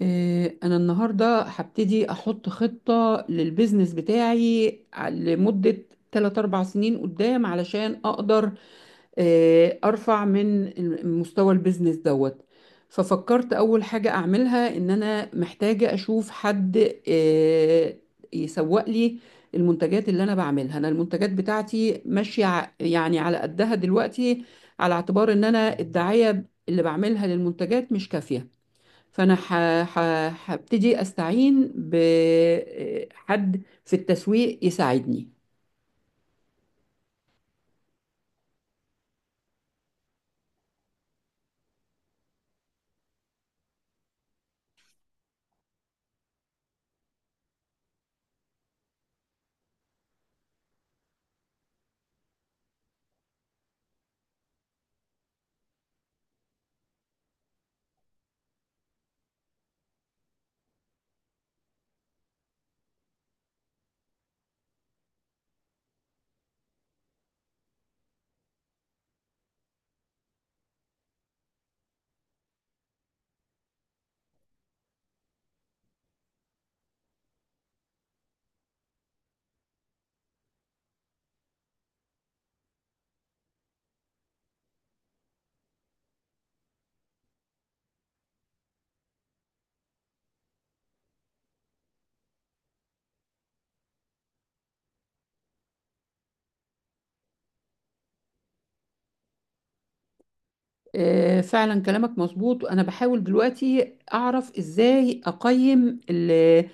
أنا النهاردة هبتدي أحط خطة للبيزنس بتاعي لمدة 3 أربع سنين قدام، علشان أقدر، أرفع من مستوى البيزنس دوت. ففكرت أول حاجة أعملها إن أنا محتاجة أشوف حد، يسوق لي المنتجات اللي أنا بعملها. أنا المنتجات بتاعتي ماشية يعني على قدها دلوقتي، على اعتبار إن أنا الدعاية اللي بعملها للمنتجات مش كافية. فانا ح... هبتدي استعين بحد في التسويق يساعدني. فعلا كلامك مظبوط، وانا بحاول دلوقتي اعرف ازاي اقيم ال آه،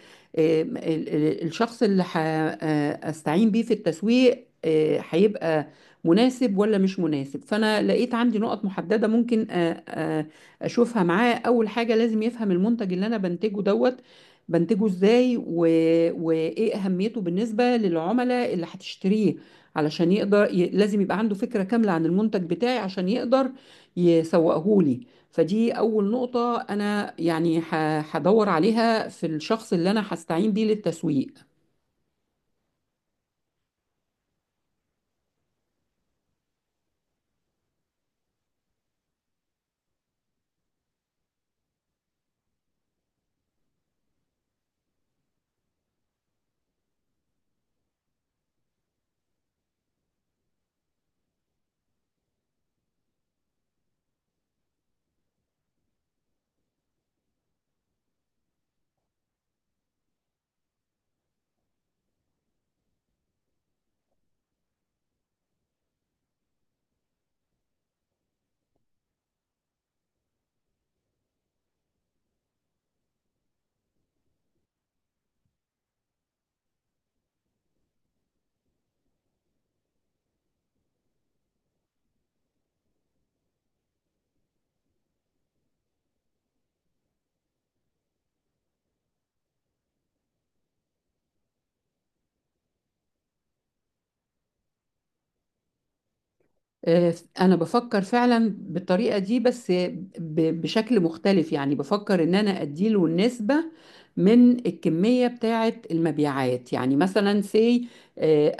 ال- ال- الشخص اللي استعين بيه في التسويق، هيبقى مناسب ولا مش مناسب. فانا لقيت عندي نقط محددة ممكن اشوفها معاه. اول حاجة، لازم يفهم المنتج اللي انا بنتجه دوت، بنتجه ازاي وايه اهميته بالنسبة للعملاء اللي هتشتريه، علشان يقدر لازم يبقى عنده فكرة كاملة عن المنتج بتاعي عشان يقدر يسوقه لي. فدي أول نقطة أنا يعني هدور عليها في الشخص اللي أنا هستعين بيه للتسويق. آه، انا بفكر فعلا بالطريقه دي بس بشكل مختلف. يعني بفكر ان انا اديله النسبه من الكميه بتاعه المبيعات. يعني مثلا سي،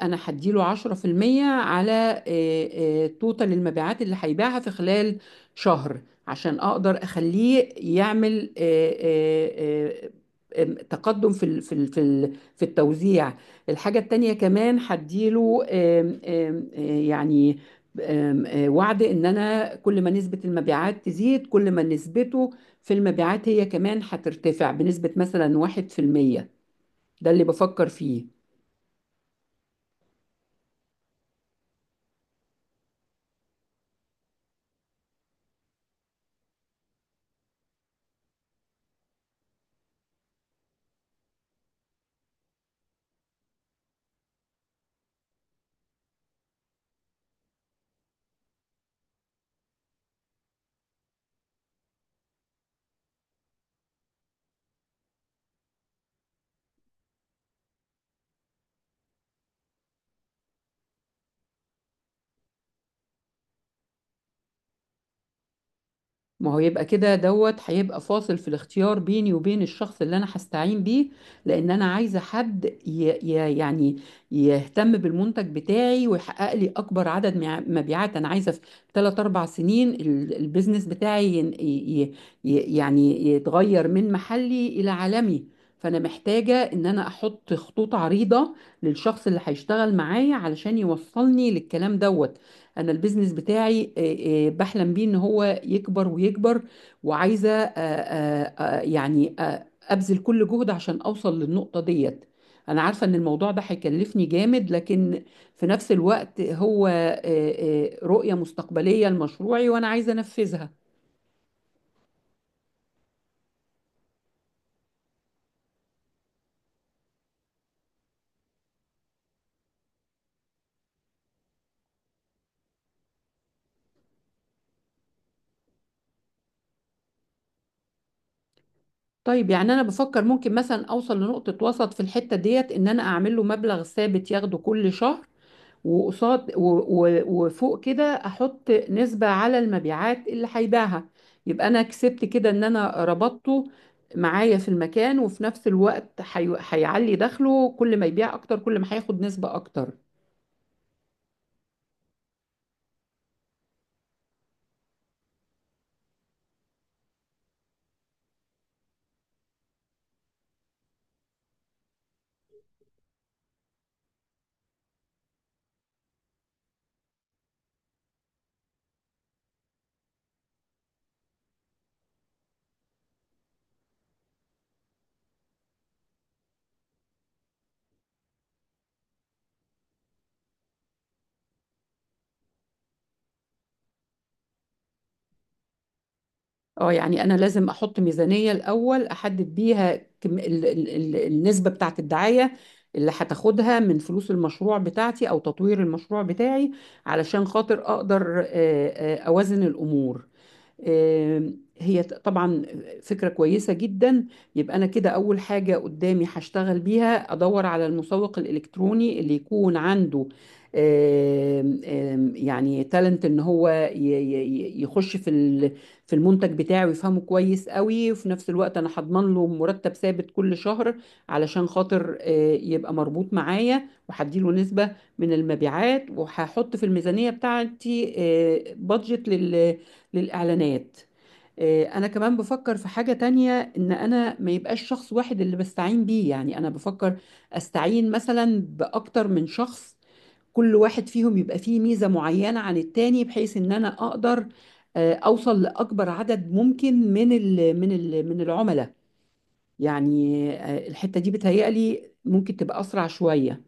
انا هديله 10% على توتال المبيعات اللي هيبيعها في خلال شهر، عشان اقدر اخليه يعمل آه، آه، آه، آم، تقدم في التوزيع. الحاجة التانية كمان هديله آم، آم، آه، يعني آم، آه، وعد ان انا كل ما نسبة المبيعات تزيد، كل ما نسبته في المبيعات هي كمان هترتفع بنسبة مثلا 1%. ده اللي بفكر فيه. ما هو يبقى كده دوت هيبقى فاصل في الاختيار بيني وبين الشخص اللي انا هستعين بيه، لان انا عايزه حد يعني يهتم بالمنتج بتاعي، ويحقق لي اكبر عدد مبيعات. انا عايزه في 3 4 سنين البيزنس بتاعي يعني يتغير من محلي الى عالمي. فانا محتاجه ان انا احط خطوط عريضه للشخص اللي هيشتغل معايا، علشان يوصلني للكلام دوت. انا البيزنس بتاعي، بحلم بيه ان هو يكبر ويكبر، وعايزه، ابذل كل جهد عشان اوصل للنقطه ديت. انا عارفه ان الموضوع ده هيكلفني جامد، لكن في نفس الوقت هو، رؤيه مستقبليه لمشروعي، وانا عايزه انفذها. طيب، يعني انا بفكر ممكن مثلا اوصل لنقطه وسط في الحته ديت، ان انا اعمل له مبلغ ثابت ياخده كل شهر، وقصاد وفوق كده احط نسبة على المبيعات اللي هيبيعها. يبقى انا كسبت كده ان انا ربطته معايا في المكان، وفي نفس الوقت هيعلي دخله، كل ما يبيع اكتر كل ما هياخد نسبة اكتر. اه، يعني انا لازم احط ميزانية الاول احدد بيها كم ال ال ال النسبة بتاعت الدعاية اللي هتاخدها من فلوس المشروع بتاعتي او تطوير المشروع بتاعي، علشان خاطر اقدر اوازن الامور. هي طبعا فكرة كويسة جدا. يبقى أنا كده أول حاجة قدامي هشتغل بيها، أدور على المسوق الإلكتروني اللي يكون عنده آم، آم، يعني تالنت، إن هو يخش في المنتج بتاعه ويفهمه كويس قوي. وفي نفس الوقت أنا هضمن له مرتب ثابت كل شهر، علشان خاطر، يبقى مربوط معايا، وهديله نسبة من المبيعات، وهحط في الميزانية بتاعتي، بادجت للإعلانات. أنا كمان بفكر في حاجة تانية، إن أنا ما يبقاش شخص واحد اللي بستعين بيه. يعني أنا بفكر أستعين مثلا بأكتر من شخص، كل واحد فيهم يبقى فيه ميزة معينة عن التاني، بحيث إن أنا أقدر، أوصل لأكبر عدد ممكن من العملاء. يعني، الحتة دي بتهيألي ممكن تبقى أسرع شوية.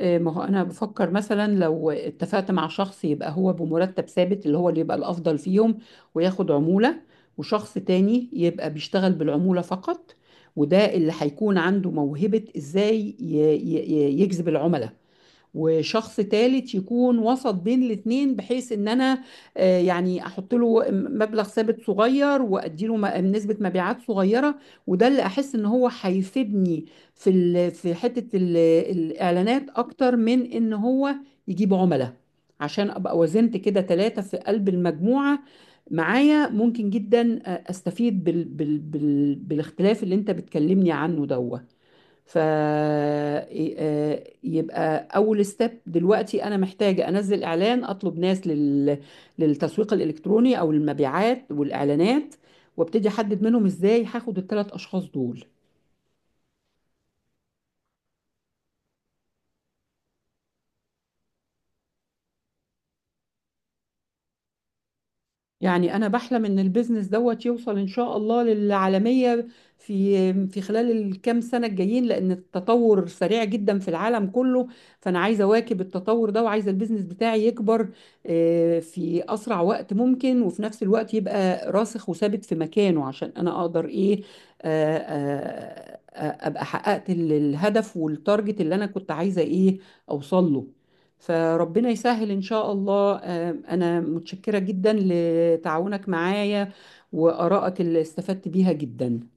ما هو انا بفكر مثلا لو اتفقت مع شخص، يبقى هو بمرتب ثابت، اللي هو اللي يبقى الافضل فيهم وياخد عمولة. وشخص تاني يبقى بيشتغل بالعمولة فقط، وده اللي هيكون عنده موهبة ازاي يجذب العملاء. وشخص تالت يكون وسط بين الاتنين، بحيث ان انا، يعني احط له مبلغ ثابت صغير وادي له نسبة مبيعات صغيرة، وده اللي احس ان هو هيفيدني في حتة الاعلانات اكتر من ان هو يجيب عملاء. عشان ابقى وزنت كده ثلاثة في قلب المجموعة معايا، ممكن جدا، استفيد بالاختلاف اللي انت بتكلمني عنه ده. فيبقى اول ستيب دلوقتي، انا محتاجه انزل اعلان اطلب ناس للتسويق الالكتروني او المبيعات والاعلانات، وابتدي احدد منهم ازاي هاخد ال3 اشخاص دول. يعني انا بحلم ان البيزنس دوت يوصل ان شاء الله للعالميه في خلال الكام سنه الجايين، لان التطور سريع جدا في العالم كله. فانا عايزه اواكب التطور ده، وعايزه البيزنس بتاعي يكبر، في اسرع وقت ممكن، وفي نفس الوقت يبقى راسخ وثابت في مكانه، عشان انا اقدر ايه، ابقى حققت الهدف والتارجت اللي انا كنت عايزه ايه اوصل له. فربنا يسهل إن شاء الله. أنا متشكرة جدا لتعاونك معايا، وآرائك اللي استفدت بيها جدا.